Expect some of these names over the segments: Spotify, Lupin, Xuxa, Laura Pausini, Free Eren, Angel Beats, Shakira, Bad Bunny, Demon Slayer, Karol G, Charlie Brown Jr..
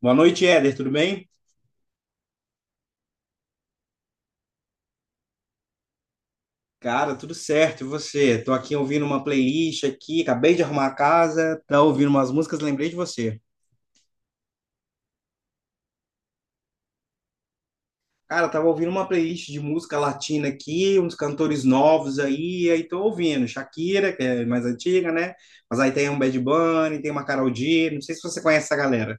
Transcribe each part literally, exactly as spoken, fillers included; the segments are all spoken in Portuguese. Boa noite, Éder, tudo bem? Cara, tudo certo, e você? Tô aqui ouvindo uma playlist aqui, acabei de arrumar a casa, tá ouvindo umas músicas, lembrei de você. Cara, tava ouvindo uma playlist de música latina aqui, uns cantores novos aí, aí tô ouvindo Shakira, que é mais antiga, né? Mas aí tem um Bad Bunny, tem uma Karol G, não sei se você conhece essa galera.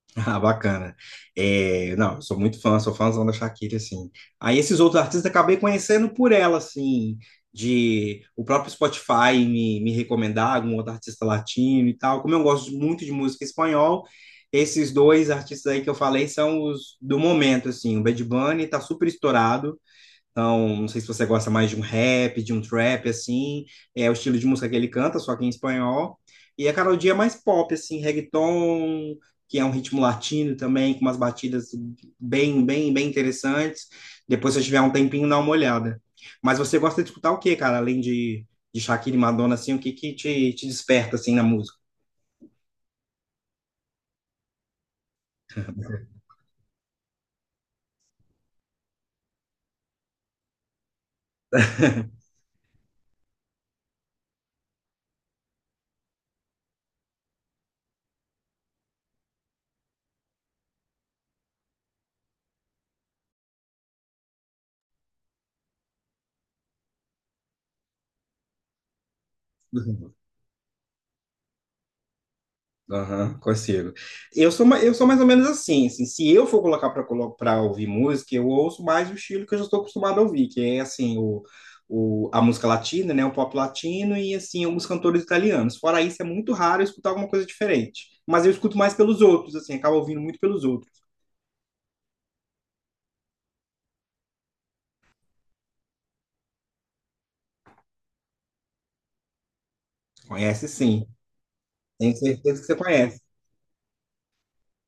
Ah, bacana. É, não, eu sou muito fã, sou fãzão da Shakira, assim. Aí esses outros artistas acabei conhecendo por ela, assim, de o próprio Spotify me, me recomendar algum outro artista latino e tal. Como eu gosto muito de música espanhol, esses dois artistas aí que eu falei são os do momento, assim. O Bad Bunny tá super estourado, então, não sei se você gosta mais de um rap, de um trap, assim. É o estilo de música que ele canta, só que em espanhol. E a Karol G é mais pop, assim, reggaeton, que é um ritmo latino também, com umas batidas bem, bem, bem interessantes. Depois, se você tiver um tempinho, dá uma olhada. Mas você gosta de escutar o quê, cara? Além de, de Shakira e Madonna, assim, o que que te, te desperta, assim, na música? Uhum. Aham, consigo. Eu sou, ma- eu sou mais ou menos assim, assim, se eu for colocar para para ouvir música, eu ouço mais o estilo que eu já estou acostumado a ouvir, que é assim, o, o, a música latina, né, o pop latino e assim, alguns cantores italianos. Fora isso, é muito raro eu escutar alguma coisa diferente. Mas eu escuto mais pelos outros, assim, acabo ouvindo muito pelos outros. Conhece sim, tenho certeza que você conhece.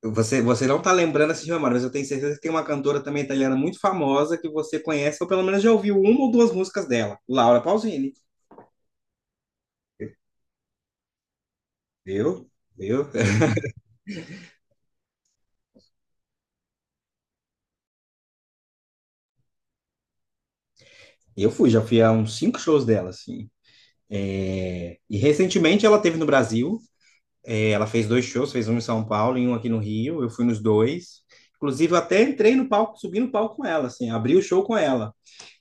Você, você não está lembrando essa de memória, mas eu tenho certeza que tem uma cantora também italiana muito famosa que você conhece, ou pelo menos já ouviu uma ou duas músicas dela, Laura Pausini. Viu? Viu? Eu fui, já fui a uns cinco shows dela, assim. É, E recentemente ela teve no Brasil, é, ela fez dois shows, fez um em São Paulo e um aqui no Rio, eu fui nos dois. Inclusive, eu até entrei no palco, subi no palco com ela, assim, abri o show com ela.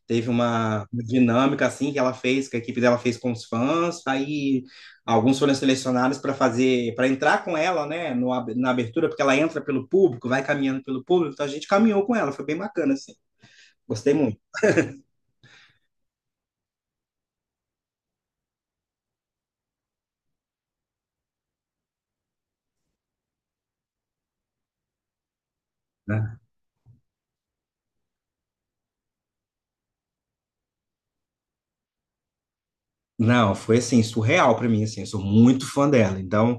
Teve uma uma dinâmica assim que ela fez, que a equipe dela fez com os fãs, aí alguns foram selecionados para fazer, para entrar com ela, né, no, ab- na abertura, porque ela entra pelo público, vai caminhando pelo público, então a gente caminhou com ela, foi bem bacana assim. Gostei muito, né? Não, foi assim, surreal pra mim, assim, eu sou muito fã dela. Então,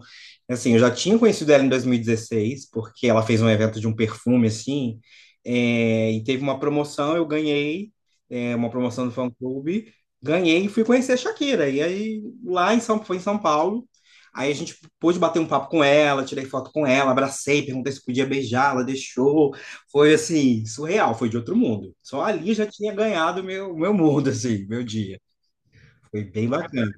assim, eu já tinha conhecido ela em dois mil e dezesseis, porque ela fez um evento de um perfume, assim, é, e teve uma promoção, eu ganhei, é, uma promoção do fã-clube, ganhei e fui conhecer a Shakira. E aí, lá em São, foi em São Paulo, aí a gente pôde bater um papo com ela, tirei foto com ela, abracei, perguntei se podia beijar, ela deixou. Foi, assim, surreal, foi de outro mundo. Só ali eu já tinha ganhado meu, meu mundo, assim, meu dia. Foi bem bacana.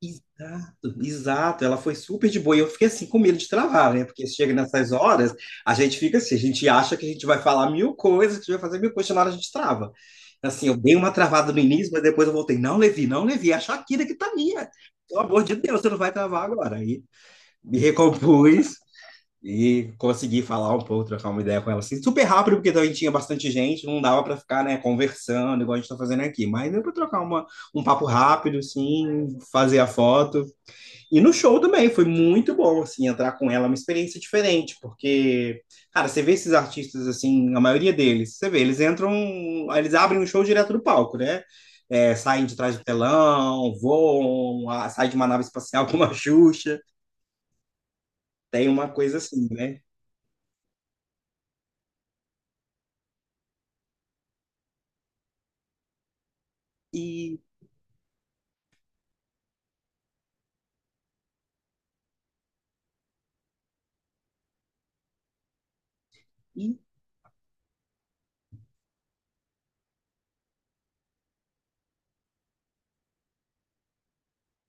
Exato, exato. Ela foi super de boa. E eu fiquei assim com medo de travar, né? Porque chega nessas horas, a gente fica assim, a gente acha que a gente vai falar mil coisas, que a gente vai fazer mil coisas, na hora a gente trava. Assim, eu dei uma travada no início, mas depois eu voltei. Não, Levi, não, Levi, é a Shakira que tá minha. Pelo amor de Deus, você não vai travar agora. Aí me recompus e consegui falar um pouco, trocar uma ideia com ela assim, super rápido, porque também tinha bastante gente, não dava para ficar, né, conversando, igual a gente tá fazendo aqui. Mas deu para trocar uma, um papo rápido, assim, fazer a foto. E no show também, foi muito bom, assim, entrar com ela, é uma experiência diferente, porque, cara, você vê esses artistas, assim, a maioria deles, você vê, eles entram, eles abrem um show direto do palco, né? É, saem de trás do telão, voam, a- saem de uma nave espacial como a Xuxa, tem uma coisa assim, né? E, e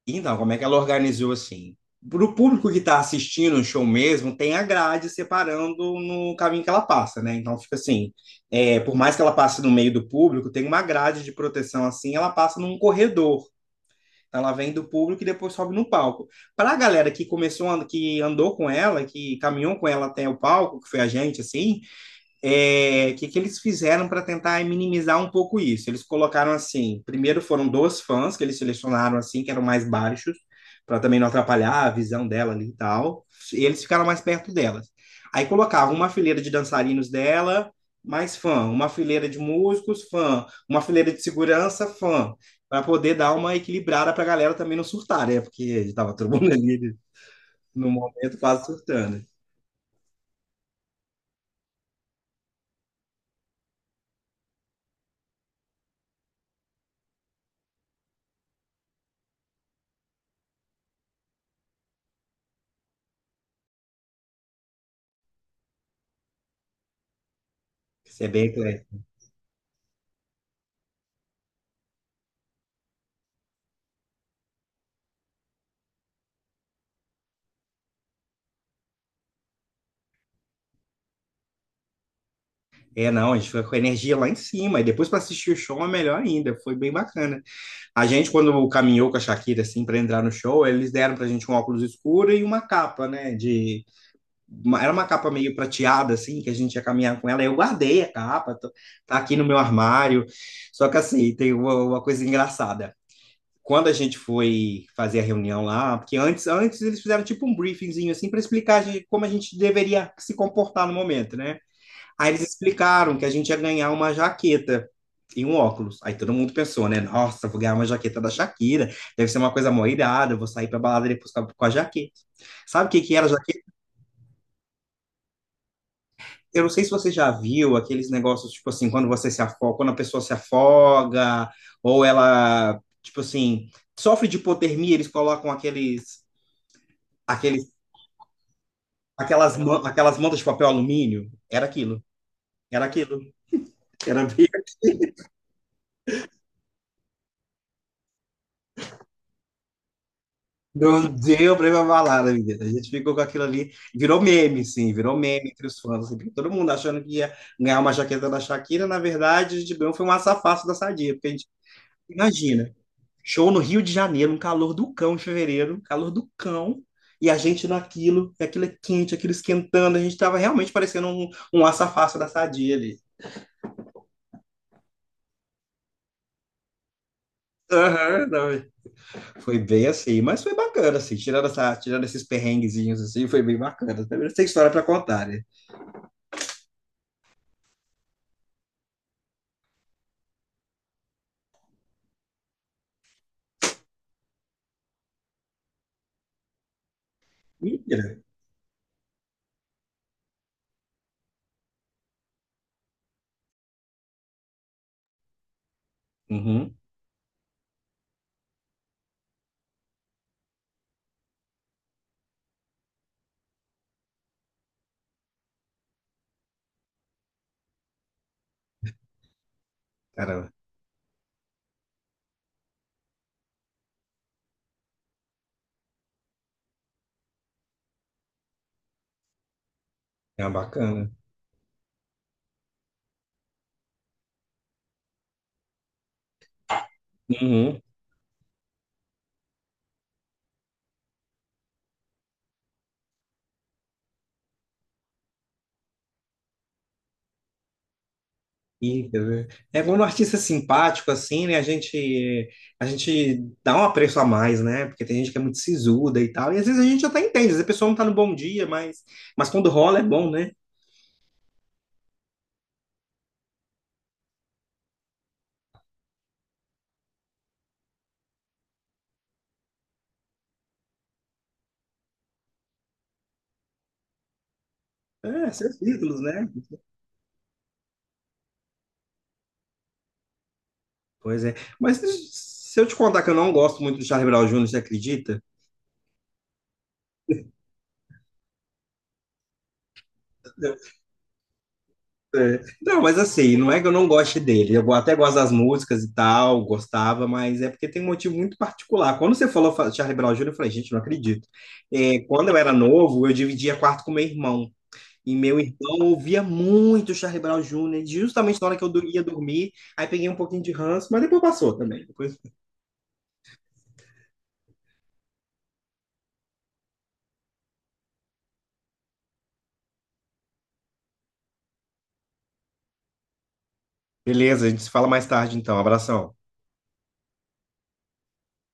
Então, como é que ela organizou assim? Para o público que está assistindo o show mesmo, tem a grade separando no caminho que ela passa, né? Então fica assim, é, por mais que ela passe no meio do público, tem uma grade de proteção assim, ela passa num corredor. Então, ela vem do público e depois sobe no palco. Para a galera que começou, a- que andou com ela, que caminhou com ela até o palco, que foi a gente, assim, é, que, que eles fizeram para tentar minimizar um pouco isso? Eles colocaram assim: primeiro foram dois fãs que eles selecionaram assim, que eram mais baixos, para também não atrapalhar a visão dela ali e tal. E eles ficaram mais perto delas. Aí colocavam uma fileira de dançarinos dela, mais fã, uma fileira de músicos, fã, uma fileira de segurança, fã, para poder dar uma equilibrada para a galera também não surtar, né? Porque estava todo mundo ali no momento quase surtando. Isso é bem claro. É, não, a gente fica com a energia lá em cima. E depois para assistir o show é melhor ainda. Foi bem bacana. A gente, quando caminhou com a Shakira, assim, para entrar no show, eles deram pra gente um óculos escuro e uma capa, né? De... uma- Era uma capa meio prateada, assim, que a gente ia caminhar com ela. Eu guardei a capa, tô- tá aqui no meu armário. Só que, assim, tem uma, uma coisa engraçada. Quando a gente foi fazer a reunião lá, porque antes, antes eles fizeram tipo um briefingzinho, assim, para explicar a gente- como a gente deveria se comportar no momento, né? Aí eles explicaram que a gente ia ganhar uma jaqueta e um óculos. Aí todo mundo pensou, né? Nossa, vou ganhar uma jaqueta da Shakira, deve ser uma coisa mó irada, eu vou sair pra balada depois com a, com a jaqueta. Sabe o que que era a jaqueta? Eu não sei se você já viu aqueles negócios, tipo assim, quando você se afoga, quando a pessoa se afoga, ou ela, tipo assim, sofre de hipotermia, eles colocam aqueles, aqueles, aquelas, man- aquelas mantas de papel alumínio. Era aquilo, era aquilo. Era bem Não deu pra ir pra balada, menina. A gente ficou com aquilo ali, virou meme, sim, virou meme entre os fãs, assim, porque todo mundo achando que ia ganhar uma jaqueta da Shakira, na verdade, a gente ganhou foi um açafácio da Sadia, porque a gente, imagina, show no Rio de Janeiro, um calor do cão em fevereiro, um calor do cão, e a gente naquilo, e aquilo é quente, aquilo esquentando, a gente tava realmente parecendo um, um açafácio da Sadia ali. Aham, não, é, foi bem assim, mas foi bacana, assim, tirando, essa, tirando esses perrenguezinhos, assim, foi bem bacana. Tem história pra contar, né? Ih. Uhum. Cara, é uma bacana. Uhum. E, quer ver, é quando o artista é simpático, assim, né? A gente, a gente dá um apreço a mais, né? Porque tem gente que é muito sisuda e tal. E às vezes a gente até entende, às vezes a pessoa não tá no bom dia, mas, mas quando rola é bom, né? É, seus títulos, né? Pois é. Mas se eu te contar que eu não gosto muito do Charlie Brown júnior, você acredita? É. Não, mas assim, não é que eu não goste dele. Eu até gosto das músicas e tal, gostava, mas é porque tem um motivo muito particular. Quando você falou fa- Charlie Brown júnior, eu falei, gente, não acredito. É, quando eu era novo, eu dividia quarto com meu irmão. E meu irmão ouvia muito Charlie Brown júnior, justamente na hora que eu do- ia dormir. Aí peguei um pouquinho de ranço, mas depois passou também. Depois- Beleza, a gente se fala mais tarde então. Abração.